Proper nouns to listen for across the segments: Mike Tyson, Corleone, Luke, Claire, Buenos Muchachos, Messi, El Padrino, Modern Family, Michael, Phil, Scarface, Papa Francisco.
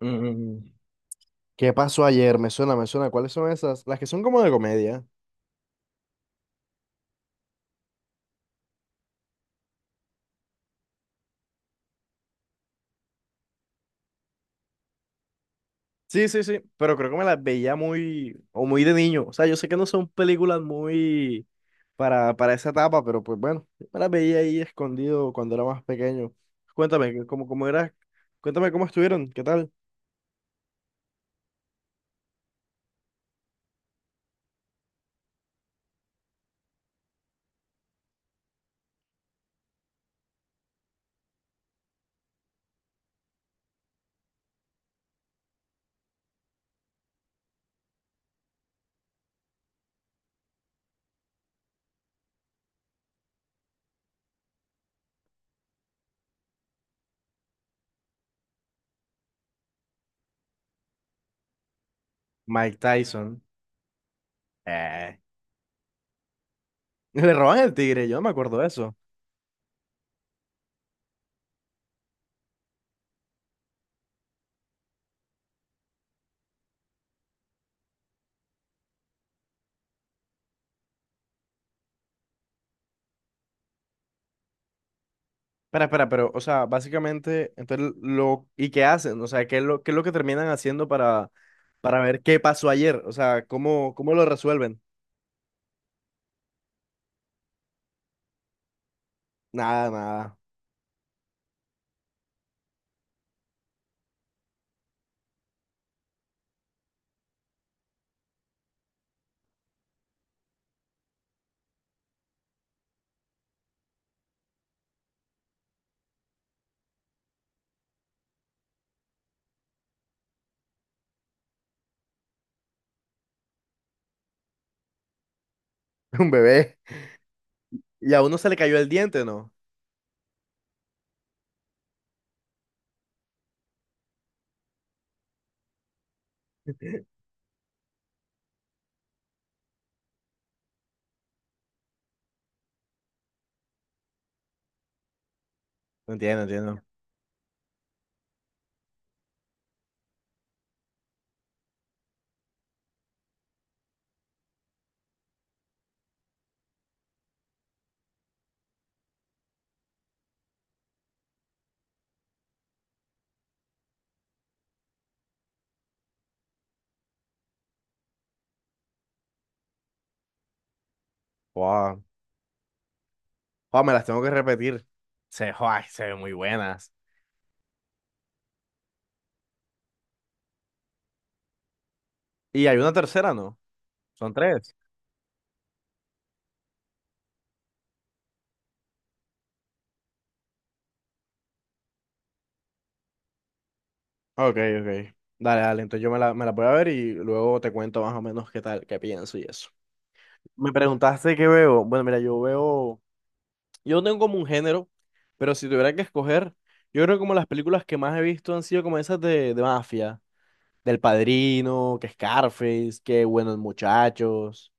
Mm, ¿Qué pasó ayer? Me suena, me suena. ¿Cuáles son esas? Las que son como de comedia. Sí, sí, sí, pero creo que me las veía muy, o muy de niño. O sea, yo sé que no son películas muy para esa etapa, pero pues bueno, yo me las veía ahí escondido cuando era más pequeño. Cuéntame, ¿cómo era? Cuéntame cómo estuvieron, ¿qué tal? Mike Tyson. Eh, Le roban el tigre, yo no me acuerdo de eso. Espera, espera, pero, o sea, básicamente, entonces, ¿y qué hacen? O sea, ¿qué es lo que terminan haciendo para ver qué pasó ayer, o sea, cómo lo resuelven. Nada, nada, un bebé. Y a uno se le cayó el diente, ¿no? No entiendo, no entiendo. Wow. Wow, me las tengo que repetir. Joa, se ven muy buenas. Y hay una tercera, ¿no? Son tres. Ok, ok. Dale, dale, entonces yo me la voy a ver y luego te cuento más o menos qué tal, qué pienso y eso. Me preguntaste qué veo. Bueno, mira, yo no tengo como un género, pero si tuviera que escoger, yo creo que como las películas que más he visto han sido como esas de mafia del Padrino, que Scarface, que Buenos Muchachos.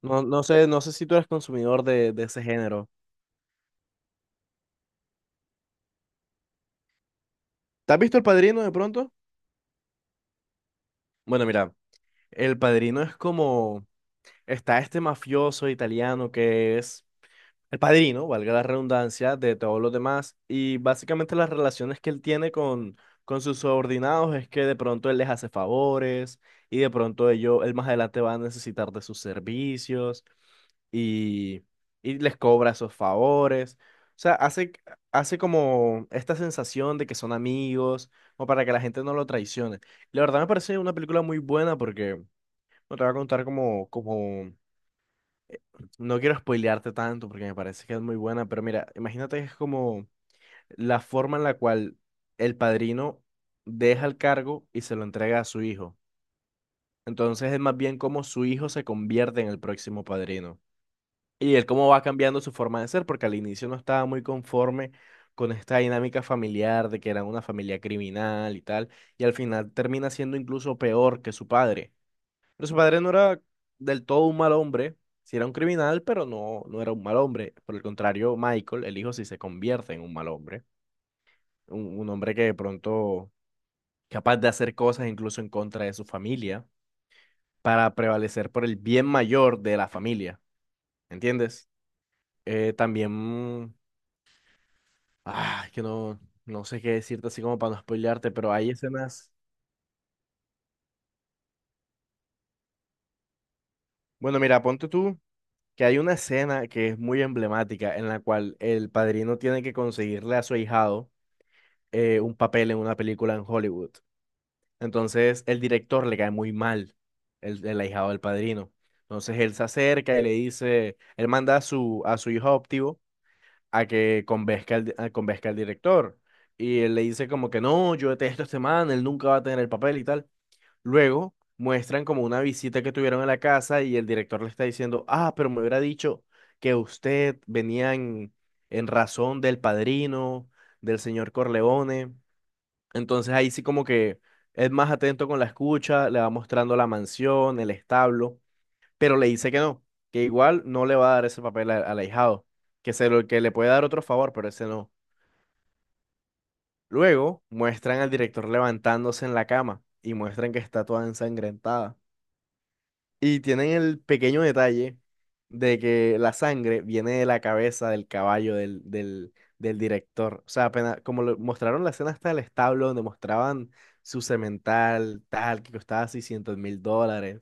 No, no sé si tú eres consumidor de ese género. ¿Te has visto El Padrino de pronto? Bueno, mira, El Padrino es como, está este mafioso italiano que es el padrino, valga la redundancia, de todos los demás. Y básicamente las relaciones que él tiene con sus subordinados es que de pronto él les hace favores y de pronto él más adelante va a necesitar de sus servicios y, y les cobra esos favores. O sea, hace, hace como esta sensación de que son amigos, o para que la gente no lo traicione. La verdad me parece una película muy buena porque no te va a contar como, como no quiero spoilearte tanto porque me parece que es muy buena, pero mira, imagínate que es como la forma en la cual el padrino deja el cargo y se lo entrega a su hijo. Entonces es más bien como su hijo se convierte en el próximo padrino. Y él cómo va cambiando su forma de ser, porque al inicio no estaba muy conforme con esta dinámica familiar de que era una familia criminal y tal, y al final termina siendo incluso peor que su padre. Pero su padre no era del todo un mal hombre, sí era un criminal, pero no, no era un mal hombre. Por el contrario, Michael, el hijo, sí se convierte en un mal hombre. Un hombre que de pronto capaz de hacer cosas incluso en contra de su familia para prevalecer por el bien mayor de la familia. ¿Entiendes? También, ah, es que no, no sé qué decirte así como para no spoilearte, pero hay escenas. Bueno, mira, ponte tú que hay una escena que es muy emblemática en la cual el padrino tiene que conseguirle a su ahijado un papel en una película en Hollywood. Entonces el director le cae muy mal, el ahijado del padrino. Entonces él se acerca y le dice, él manda a su hijo adoptivo a que a convenzca al director. Y él le dice como que no, yo detesto a este man, él nunca va a tener el papel y tal. Luego muestran como una visita que tuvieron en la casa y el director le está diciendo, ah, pero me hubiera dicho que usted venía en razón del padrino, del señor Corleone. Entonces ahí sí como que es más atento con la escucha, le va mostrando la mansión, el establo, pero le dice que no, que igual no le va a dar ese papel al ahijado, que se lo que le puede dar otro favor, pero ese no. Luego muestran al director levantándose en la cama y muestran que está toda ensangrentada. Y tienen el pequeño detalle de que la sangre viene de la cabeza del caballo del director. O sea, apenas, como lo, mostraron la escena hasta el establo, donde mostraban su semental, tal, que costaba 600 mil dólares.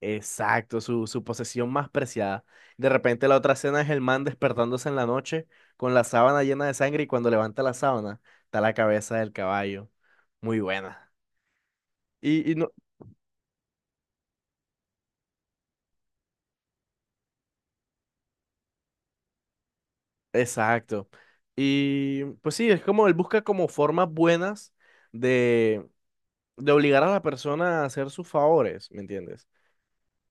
Exacto, su posesión más preciada. De repente la otra escena es el man despertándose en la noche con la sábana llena de sangre y cuando levanta la sábana está la cabeza del caballo. Muy buena. Y no. Exacto. Y pues sí, es como él busca como formas buenas de, de obligar a la persona a hacer sus favores, ¿me entiendes?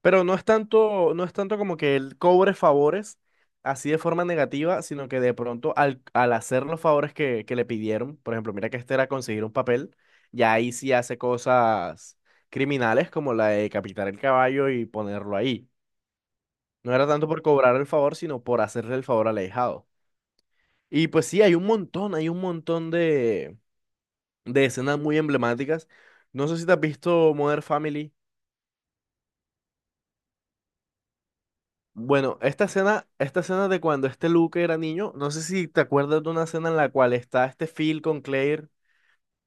Pero no es tanto, no es tanto como que él cobre favores así de forma negativa, sino que de pronto al hacer los favores que le pidieron, por ejemplo, mira que este era conseguir un papel, ya ahí sí hace cosas criminales como la de decapitar el caballo y ponerlo ahí. No era tanto por cobrar el favor, sino por hacerle el favor al ahijado. Y pues sí, hay un montón de escenas muy emblemáticas. No sé si te has visto Modern Family. Bueno, esta escena de cuando este Luke era niño, no sé si te acuerdas de una escena en la cual está este Phil con Claire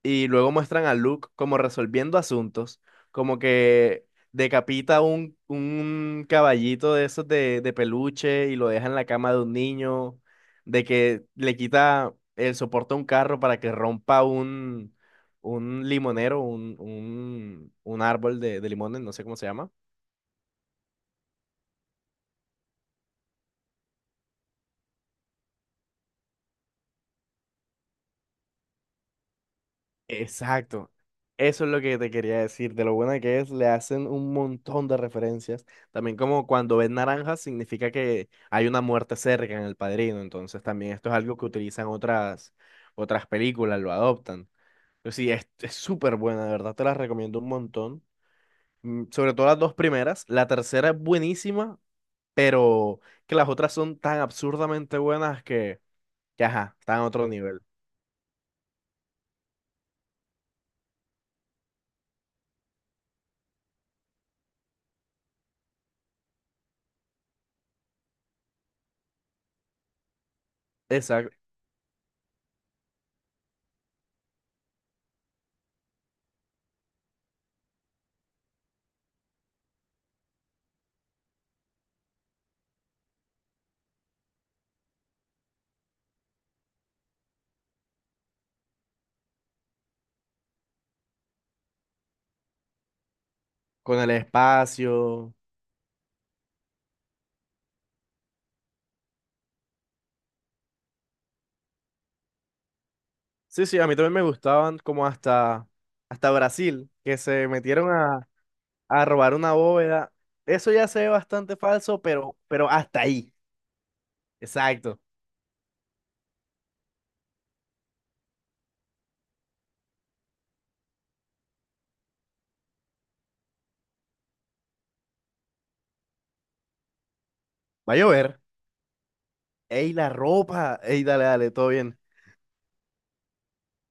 y luego muestran a Luke como resolviendo asuntos, como que decapita un caballito de esos de peluche y lo deja en la cama de un niño, de que le quita el soporte a un carro para que rompa un limonero, un árbol de limones, no sé cómo se llama. Exacto. Eso es lo que te quería decir, de lo buena que es, le hacen un montón de referencias. También como cuando ven naranjas significa que hay una muerte cerca en El Padrino, entonces también esto es algo que utilizan otras películas, lo adoptan. Pero sí, es súper buena, de verdad te las recomiendo un montón. Sobre todo las dos primeras, la tercera es buenísima, pero que, las otras son tan absurdamente buenas que ajá, están a otro nivel. Exacto, con el espacio. Sí, sí, a mí también me gustaban como hasta Brasil, que se metieron a robar una bóveda. Eso ya se ve bastante falso, pero hasta ahí. Exacto. Va a llover. Ey, la ropa. Ey, dale, dale, todo bien.